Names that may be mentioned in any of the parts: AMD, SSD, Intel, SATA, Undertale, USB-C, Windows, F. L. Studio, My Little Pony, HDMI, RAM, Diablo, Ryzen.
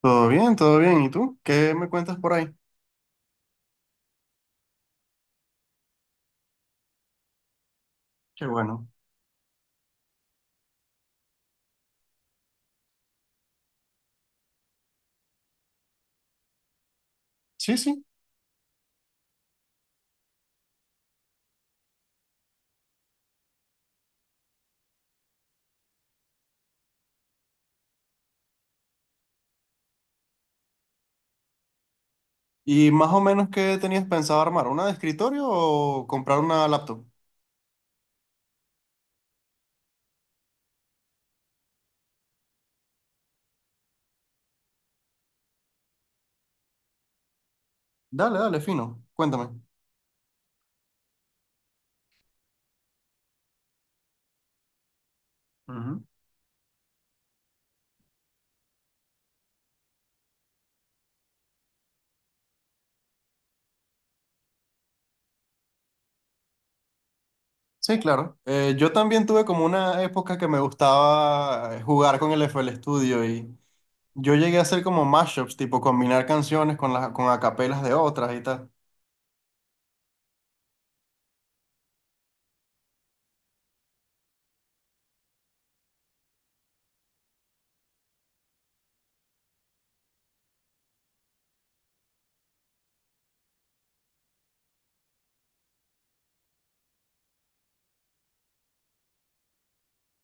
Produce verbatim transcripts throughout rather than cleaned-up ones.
Todo bien, todo bien. ¿Y tú? ¿Qué me cuentas por ahí? Qué bueno. Sí, sí. ¿Y más o menos qué tenías pensado armar? ¿Una de escritorio o comprar una laptop? Dale, dale, fino. Cuéntame. Ujú. Sí, claro. Eh, yo también tuve como una época que me gustaba eh, jugar con el F. L. Studio y yo llegué a hacer como mashups, tipo combinar canciones con las con acapelas de otras y tal.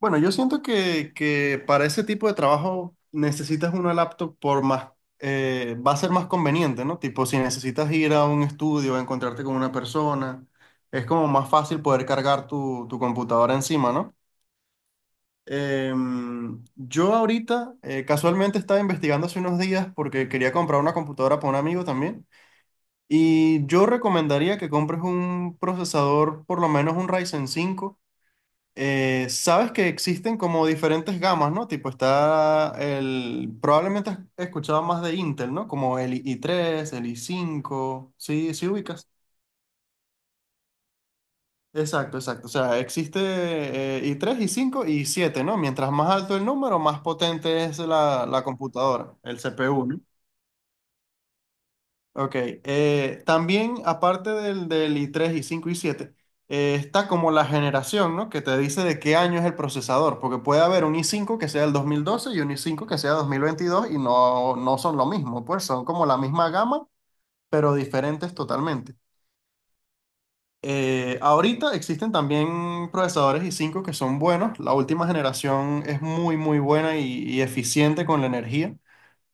Bueno, yo siento que, que para ese tipo de trabajo necesitas una laptop por más, eh, va a ser más conveniente, ¿no? Tipo, si necesitas ir a un estudio, encontrarte con una persona, es como más fácil poder cargar tu, tu computadora encima, ¿no? Em, yo ahorita eh, casualmente estaba investigando hace unos días porque quería comprar una computadora para un amigo también y yo recomendaría que compres un procesador, por lo menos un Ryzen cinco. Eh, sabes que existen como diferentes gamas, ¿no? Tipo, está el... probablemente has escuchado más de Intel, ¿no? Como el i tres, el i cinco, sí, sí ubicas. Exacto, exacto. O sea, existe eh, i tres, i cinco y i siete, ¿no? Mientras más alto el número, más potente es la, la computadora, el C P U, ¿no? Ok, eh, también aparte del, del i tres i cinco i siete eh, está como la generación, ¿no? Que te dice de qué año es el procesador, porque puede haber un i cinco que sea el dos mil doce y un i cinco que sea dos mil veintidós y no, no son lo mismo, pues son como la misma gama, pero diferentes totalmente. Eh, ahorita existen también procesadores i cinco que son buenos, la última generación es muy, muy buena y y eficiente con la energía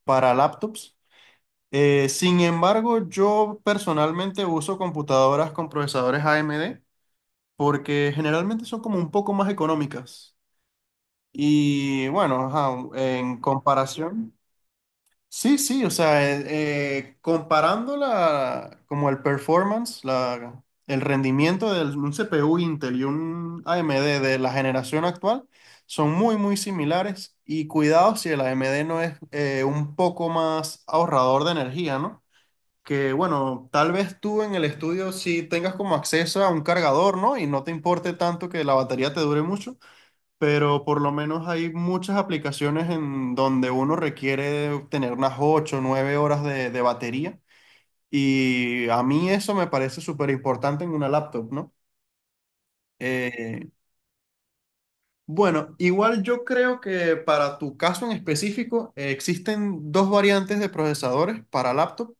para laptops. Eh, sin embargo, yo personalmente uso computadoras con procesadores A M D porque generalmente son como un poco más económicas. Y bueno, ajá, en comparación, sí, sí, o sea, eh, eh, comparando la, como el performance, la, el rendimiento de un C P U Intel y un A M D de la generación actual, son muy, muy similares. Y cuidado si el A M D no es eh, un poco más ahorrador de energía, ¿no? Que bueno, tal vez tú en el estudio sí tengas como acceso a un cargador, ¿no? Y no te importe tanto que la batería te dure mucho, pero por lo menos hay muchas aplicaciones en donde uno requiere tener unas ocho o nueve horas de, de batería. Y a mí eso me parece súper importante en una laptop, ¿no? Eh, bueno, igual yo creo que para tu caso en específico eh, existen dos variantes de procesadores para laptop.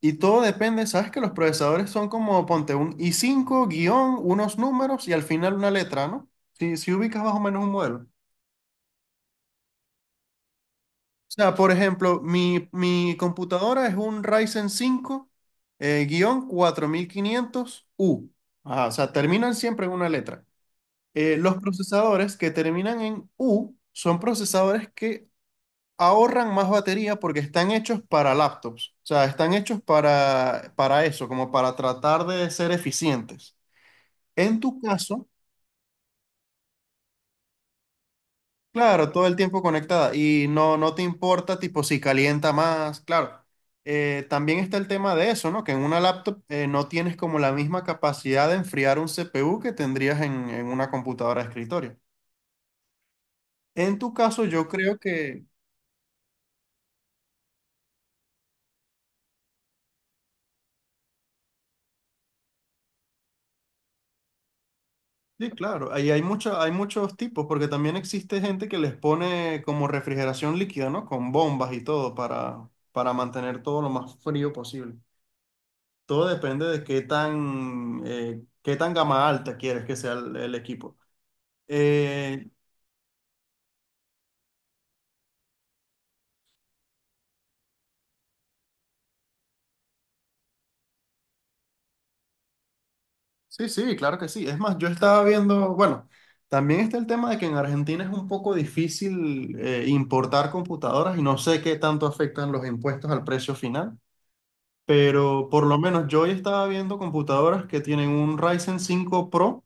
Y todo depende, sabes que los procesadores son como, ponte un i cinco guión, unos números y al final una letra, ¿no? Si, si ubicas más o menos un modelo. O sea, por ejemplo, mi, mi computadora es un Ryzen cinco eh, guión cuatro mil quinientos u. Ajá, o sea, terminan siempre en una letra. Eh, los procesadores que terminan en U son procesadores que ahorran más batería porque están hechos para laptops. O sea, están hechos para, para eso, como para tratar de ser eficientes. En tu caso, claro, todo el tiempo conectada y no, no te importa tipo si calienta más, claro. Eh, también está el tema de eso, ¿no? Que en una laptop eh, no tienes como la misma capacidad de enfriar un C P U que tendrías en, en una computadora de escritorio. En tu caso, yo creo que, sí, claro, ahí hay mucho- hay muchos tipos, porque también existe gente que les pone como refrigeración líquida, ¿no? Con bombas y todo para, para mantener todo lo más frío posible. Todo depende de qué tan, eh, qué tan gama alta quieres que sea el, el equipo. Eh, sí, sí, claro que sí. Es más, yo estaba viendo, bueno, también está el tema de que en Argentina es un poco difícil eh, importar computadoras y no sé qué tanto afectan los impuestos al precio final, pero por lo menos yo hoy estaba viendo computadoras que tienen un Ryzen cinco Pro.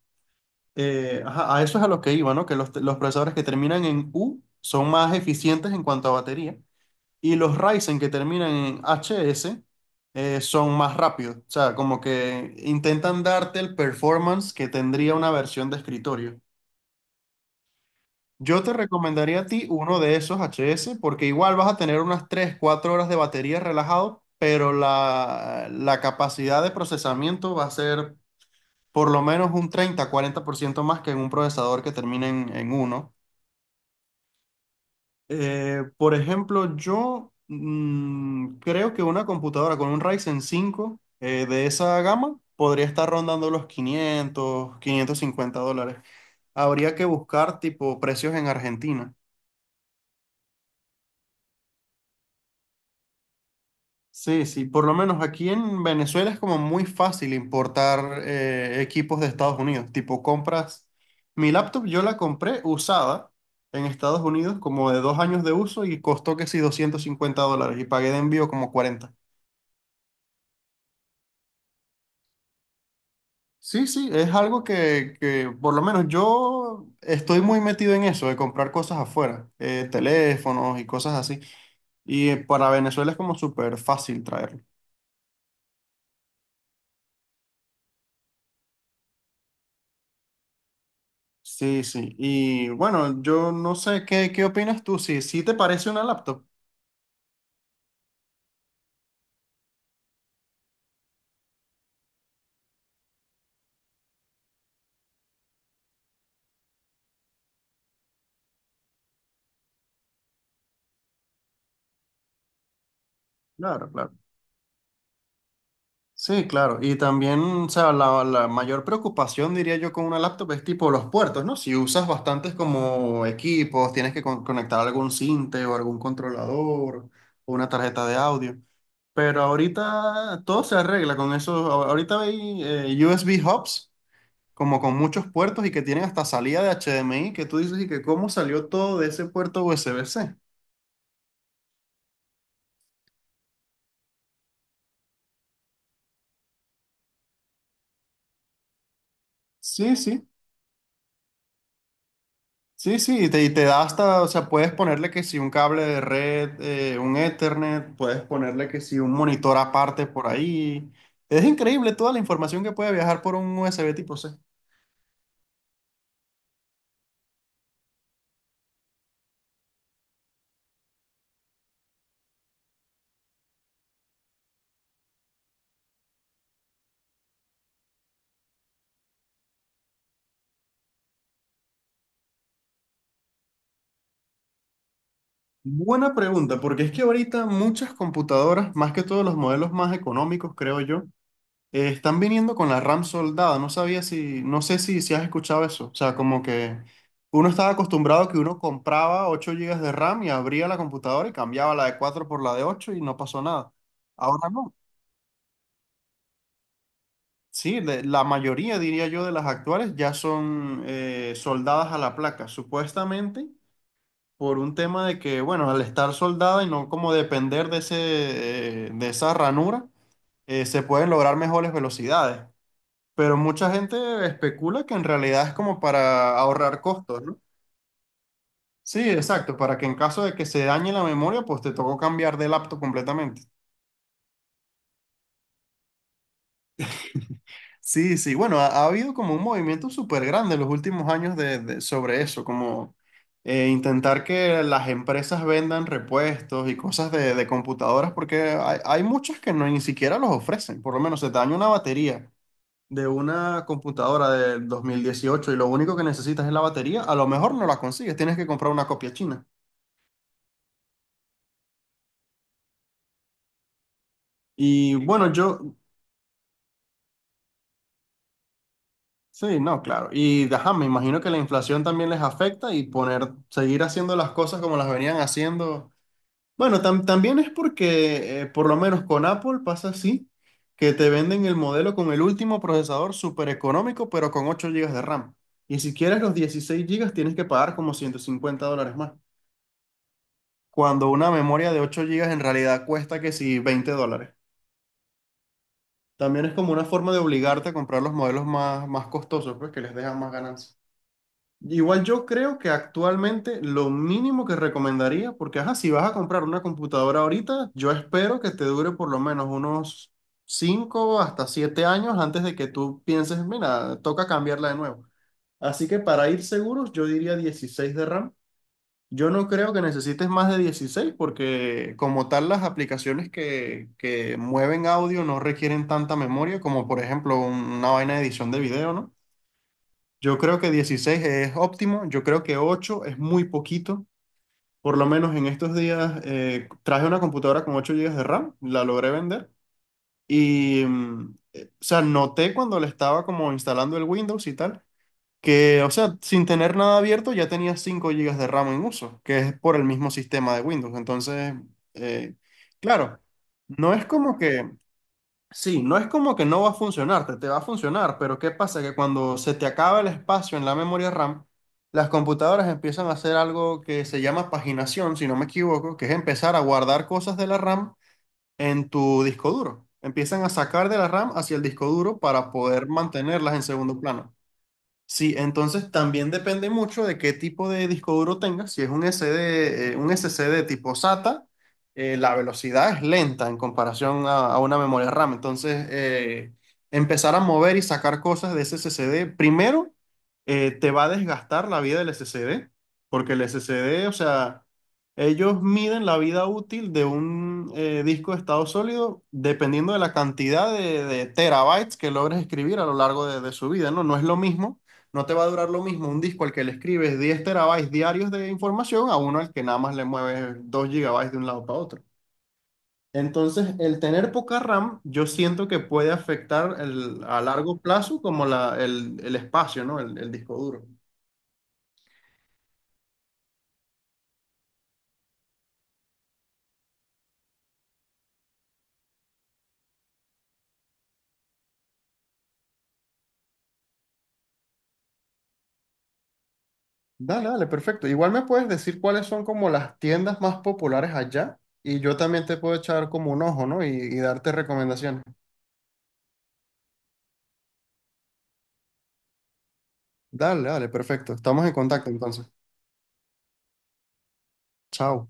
eh, ajá, a eso es a lo que iba, ¿no? Que los, los procesadores que terminan en U son más eficientes en cuanto a batería. Y los Ryzen que terminan en H S eh, son más rápidos. O sea, como que intentan darte el performance que tendría una versión de escritorio. Yo te recomendaría a ti uno de esos H S porque igual vas a tener unas tres, cuatro horas de batería relajado, pero la, la capacidad de procesamiento va a ser por lo menos un treinta, cuarenta por ciento más que en un procesador que termine en, en uno. Eh, por ejemplo, yo mm, creo que una computadora con un Ryzen cinco eh, de esa gama podría estar rondando los quinientos, quinientos cincuenta dólares. Habría que buscar tipo precios en Argentina. Sí, sí, por lo menos aquí en Venezuela es como muy fácil importar eh, equipos de Estados Unidos. Tipo, compras mi laptop, yo la compré usada en Estados Unidos como de dos años de uso y costó que sí doscientos cincuenta dólares y pagué de envío como cuarenta. Sí, sí, es algo que, que por lo menos yo estoy muy metido en eso, de comprar cosas afuera, eh, teléfonos y cosas así. Y eh, para Venezuela es como súper fácil traerlo. Sí, sí. Y bueno, yo no sé, ¿qué, qué opinas tú? Si, si te parece una laptop. Claro, claro. Sí, claro. Y también, o sea, la, la mayor preocupación, diría yo, con una laptop es tipo los puertos, ¿no? Si usas bastantes como equipos, tienes que con- conectar algún sinte o algún controlador o una tarjeta de audio. Pero ahorita todo se arregla con eso. A- Ahorita hay eh, U S B hubs, como con muchos puertos y que tienen hasta salida de H D M I, que tú dices y que cómo salió todo de ese puerto U S B-C. Sí, sí. Sí, sí, te- y te da hasta, o sea, puedes ponerle que si un cable de red, eh, un Ethernet, puedes ponerle que si un monitor aparte por ahí. Es increíble toda la información que puede viajar por un U S B tipo C. Buena pregunta, porque es que ahorita muchas computadoras, más que todos los modelos más económicos, creo yo, Eh, están viniendo con la RAM soldada, no sabía si, no sé si, si has escuchado eso. O sea, como que uno estaba acostumbrado a que uno compraba ocho gigas de RAM y abría la computadora y cambiaba la de cuatro por la de ocho y no pasó nada. Ahora no. Sí, de- la mayoría, diría yo, de las actuales ya son eh, soldadas a la placa, supuestamente por un tema de que, bueno, al estar soldada y no como depender de ese, eh, de esa ranura, eh, se pueden lograr mejores velocidades. Pero mucha gente especula que en realidad es como para ahorrar costos, ¿no? Sí, exacto, para que en caso de que se dañe la memoria, pues te tocó cambiar de laptop completamente. Sí, sí, bueno, ha, ha habido como un movimiento súper grande en los últimos años de, de- sobre eso, como eh, intentar que las empresas vendan repuestos y cosas de, de computadoras, porque hay, hay muchas que no, ni siquiera los ofrecen, por lo menos se te daña una batería de una computadora del dos mil dieciocho y lo único que necesitas es la batería, a lo mejor no la consigues, tienes que comprar una copia china. Y sí, bueno, claro. Yo, sí, no, claro. Y ajá, me imagino que la inflación también les afecta y poner, seguir haciendo las cosas como las venían haciendo. Bueno, tam- también es porque, eh, por lo menos con Apple pasa así, que te venden el modelo con el último procesador súper económico, pero con ocho gigas de RAM. Y si quieres los dieciséis gigas tienes que pagar como ciento cincuenta dólares más. Cuando una memoria de ocho gigas en realidad cuesta que si veinte dólares. También es como una forma de obligarte a comprar los modelos más, más costosos, pues que les dejan más ganancia. Igual yo creo que actualmente lo mínimo que recomendaría, porque ajá, si vas a comprar una computadora ahorita, yo espero que te dure por lo menos unos cinco hasta siete años antes de que tú pienses, mira, toca cambiarla de nuevo. Así que para ir seguros, yo diría dieciséis de RAM. Yo no creo que necesites más de dieciséis porque como tal las aplicaciones que, que mueven audio no requieren tanta memoria como por ejemplo una vaina de edición de video, ¿no? Yo creo que dieciséis es óptimo, yo creo que ocho es muy poquito, por lo menos en estos días eh, traje una computadora con ocho gigas de RAM, la logré vender y, mm, eh, o sea, noté cuando le estaba como instalando el Windows y tal que, o sea, sin tener nada abierto ya tenía cinco gigas de RAM en uso, que es por el mismo sistema de Windows. Entonces, eh, claro, no es como que, sí, no es como que no va a funcionar, te, te va a funcionar, pero ¿qué pasa? Que cuando se te acaba el espacio en la memoria RAM, las computadoras empiezan a hacer algo que se llama paginación, si no me equivoco, que es empezar a guardar cosas de la RAM en tu disco duro. Empiezan a sacar de la RAM hacia el disco duro para poder mantenerlas en segundo plano. Sí, entonces también depende mucho de qué tipo de disco duro tengas. Si es un S D, eh, un S S D tipo SATA, eh, la velocidad es lenta en comparación a, a una memoria RAM. Entonces, eh, empezar a mover y sacar cosas de ese S S D, primero, eh, te va a desgastar la vida del S S D, porque el S S D, o sea, ellos miden la vida útil de un eh, disco de estado sólido dependiendo de la cantidad de, de terabytes que logres escribir a lo largo de, de su vida, ¿no? No es lo mismo, no te va a durar lo mismo un disco al que le escribes diez terabytes diarios de información a uno al que nada más le mueves dos gigabytes de un lado para otro. Entonces, el tener poca RAM, yo siento que puede afectar el- a largo plazo como la, el, el espacio, ¿no? El, el disco duro. Dale, dale, perfecto. Igual me puedes decir cuáles son como las tiendas más populares allá y yo también te puedo echar como un ojo, ¿no? Y, y darte recomendaciones. Dale, dale, perfecto. Estamos en contacto entonces. Chao.